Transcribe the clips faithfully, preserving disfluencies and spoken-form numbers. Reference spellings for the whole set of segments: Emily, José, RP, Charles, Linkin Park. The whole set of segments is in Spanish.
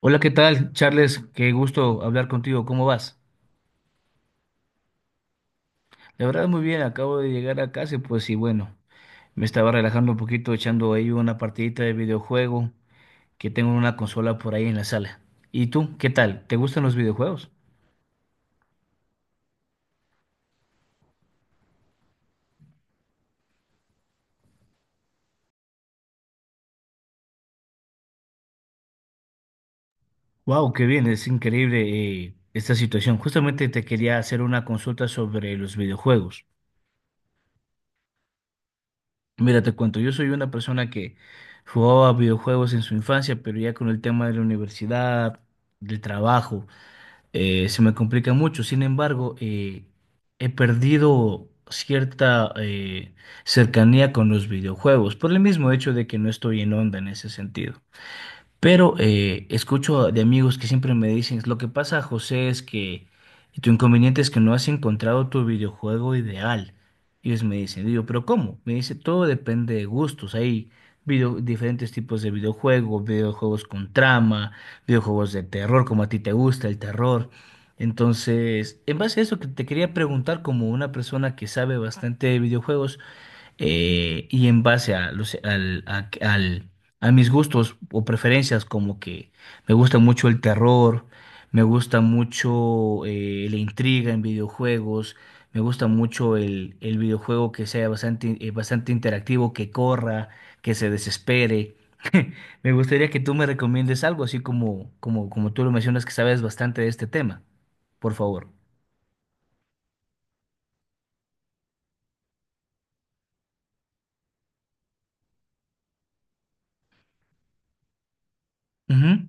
Hola, ¿qué tal, Charles? Qué gusto hablar contigo. ¿Cómo vas? La verdad, muy bien. Acabo de llegar a casa, y pues y bueno, me estaba relajando un poquito echando ahí una partidita de videojuego que tengo una consola por ahí en la sala. ¿Y tú, qué tal? ¿Te gustan los videojuegos? Wow, qué bien. Es increíble, eh, esta situación. Justamente te quería hacer una consulta sobre los videojuegos. Mira, te cuento. Yo soy una persona que jugaba videojuegos en su infancia, pero ya con el tema de la universidad, del trabajo. Eh, se me complica mucho. Sin embargo, eh, he perdido cierta eh, cercanía con los videojuegos por el mismo hecho de que no estoy en onda en ese sentido. Pero eh, escucho de amigos que siempre me dicen, lo que pasa, José, es que tu inconveniente es que no has encontrado tu videojuego ideal. Y ellos me dicen, digo, ¿pero cómo? Me dice, todo depende de gustos. Hay video- diferentes tipos de videojuegos, videojuegos con trama, videojuegos de terror, como a ti te gusta el terror. Entonces, en base a eso que te quería preguntar, como una persona que sabe bastante de videojuegos, eh, y en base a, los, al, a, al- a mis gustos o preferencias, como que me gusta mucho el terror, me gusta mucho eh, la intriga en videojuegos, me gusta mucho el, el videojuego que sea bastante, eh, bastante interactivo, que corra, que se desespere. Me gustaría que tú me recomiendes algo, así como, como, como tú lo mencionas que sabes bastante de este tema, por favor. Ujú.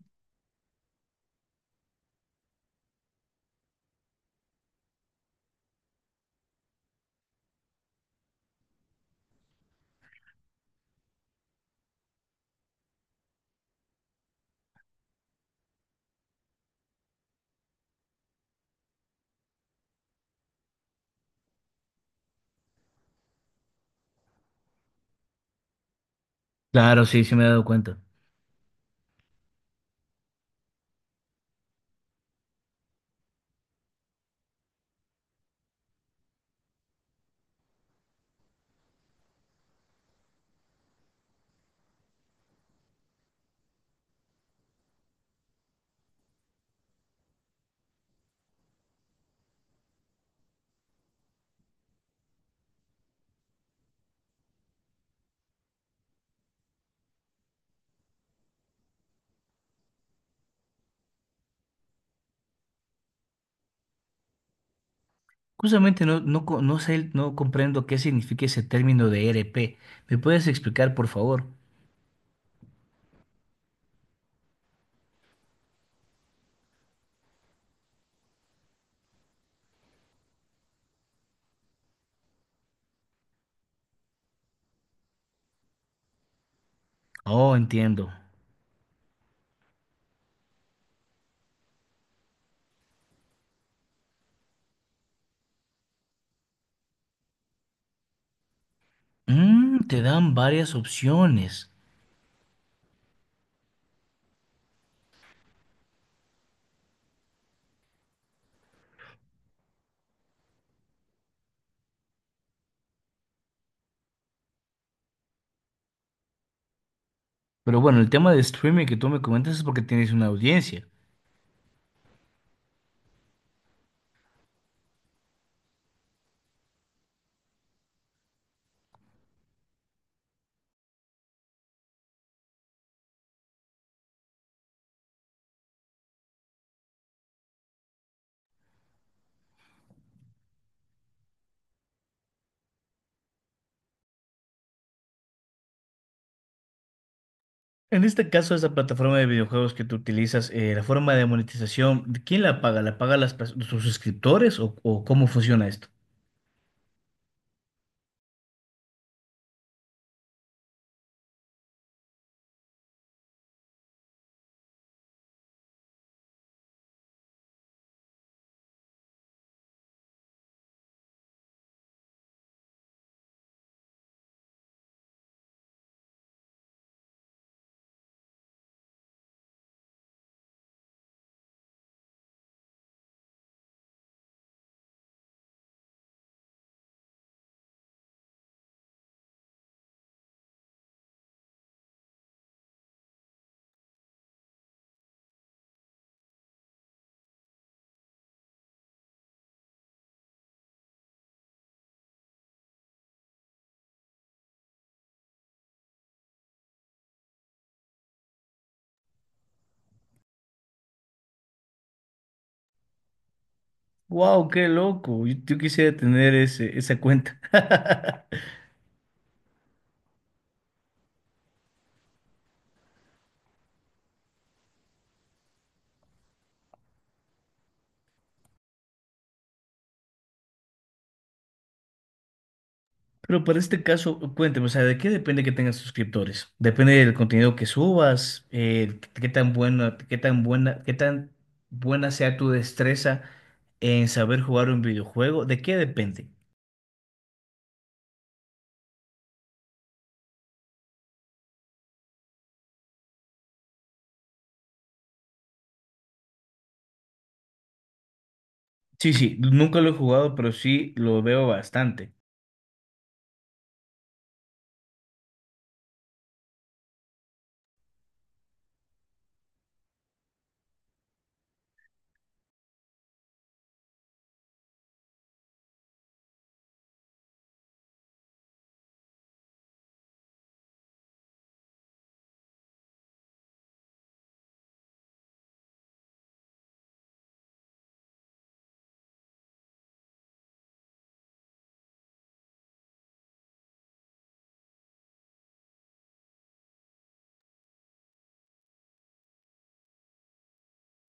Claro, sí, sí me he dado cuenta. Justamente no, no, co- no sé, no comprendo qué significa ese término de R P. ¿Me puedes explicar, por favor? Oh, entiendo. Mm, te dan varias opciones. Pero bueno, el tema de streaming que tú me comentas es porque tienes una audiencia. En este caso, esa plataforma de videojuegos que tú utilizas, eh, la forma de monetización, ¿quién la paga? ¿La pagan las, pers- tus suscriptores o, o cómo funciona esto? ¡Wow! ¡Qué loco! Yo, yo quisiera tener ese, esa cuenta. Pero para este caso, cuénteme, o sea, ¿de qué depende que tengas suscriptores? Depende del contenido que subas, eh, qué tan buena, qué tan buena, qué tan buena sea tu destreza en saber jugar un videojuego. ¿De qué depende? Sí, sí, nunca lo he jugado, pero sí lo veo bastante.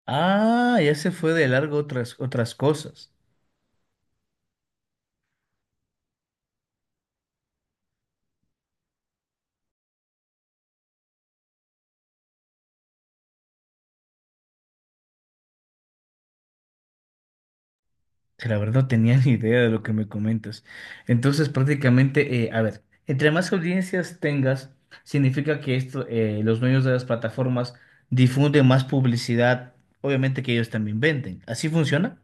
Ah, ya se fue de largo otras, otras cosas. Que La verdad no tenía ni idea de lo que me comentas. Entonces, prácticamente, eh, a ver, entre más audiencias tengas, significa que esto, eh, los dueños de las plataformas difunden más publicidad, obviamente que ellos también venden. ¿Así funciona?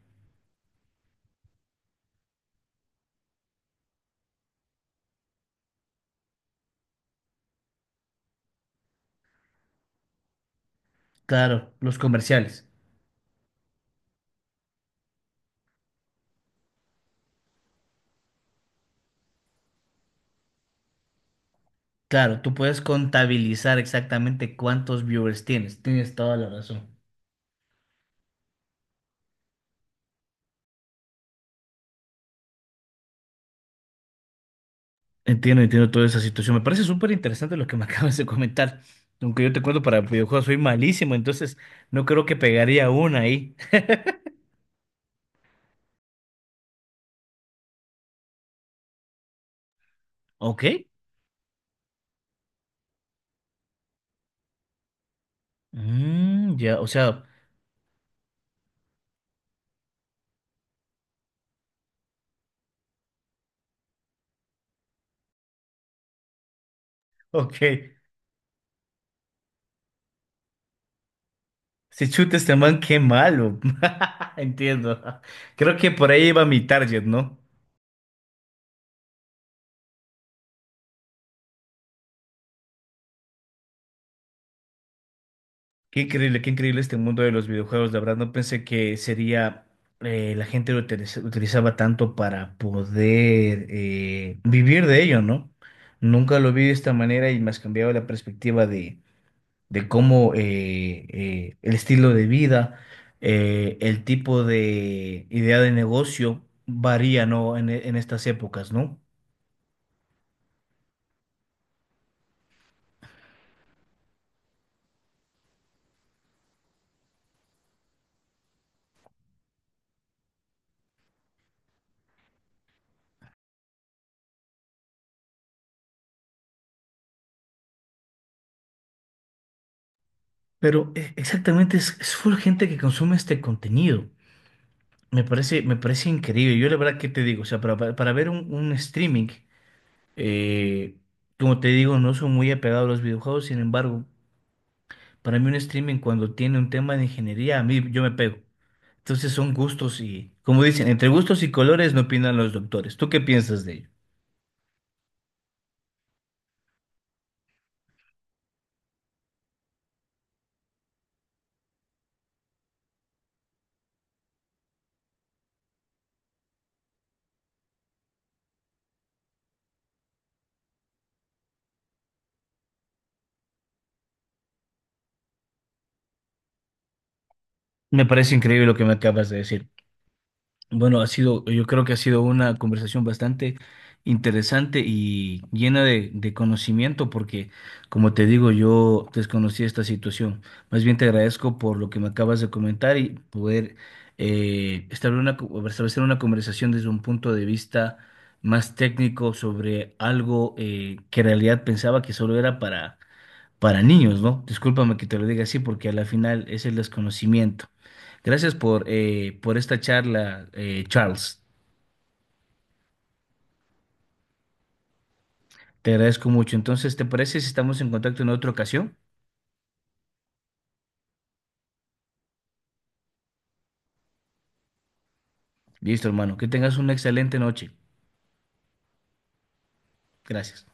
Claro, los comerciales. Claro, tú puedes contabilizar exactamente cuántos viewers tienes. Tienes toda la razón. Entiendo, entiendo toda esa situación. Me parece súper interesante lo que me acabas de comentar. Aunque yo te cuento, para videojuegos soy malísimo, entonces no creo que pegaría una ahí. Ok. Mm, ya, o sea, ok. Si chuta este man, qué malo. Entiendo. Creo que por ahí iba mi target, ¿no? Qué increíble, qué increíble este mundo de los videojuegos. La verdad, no pensé que sería. Eh, la gente lo utiliza- utilizaba tanto para poder eh, vivir de ello, ¿no? Nunca lo vi de esta manera y me has cambiado la perspectiva de cómo eh, eh, el estilo de vida, eh, el tipo de idea de negocio varía, ¿no? En, e- en estas épocas, ¿no? Pero eh, exactamente es, es full gente que consume este contenido. Me parece, me parece increíble. Yo la verdad que te digo, o sea, para, para- para ver un, un streaming, eh, como te digo, no soy muy apegado a los videojuegos, sin embargo, para mí un streaming cuando tiene un tema de ingeniería, a mí yo me pego. Entonces son gustos y, como dicen, entre gustos y colores no opinan los doctores. ¿Tú qué piensas de ello? Me parece increíble lo que me acabas de decir. Bueno, ha sido, yo creo que ha sido una conversación bastante interesante y llena de, de conocimiento porque, como te digo, yo desconocía esta situación. Más bien te agradezco por lo que me acabas de comentar y poder eh, establecer una, co- establecer una conversación desde un punto de vista más técnico sobre algo eh, que en realidad pensaba que solo era para para niños, ¿no? Discúlpame que te lo diga así porque a la final es el desconocimiento. Gracias por, eh, por esta charla, eh, Charles. Te agradezco mucho. Entonces, ¿te parece si estamos en contacto en otra ocasión? Listo, hermano. Que tengas una excelente noche. Gracias.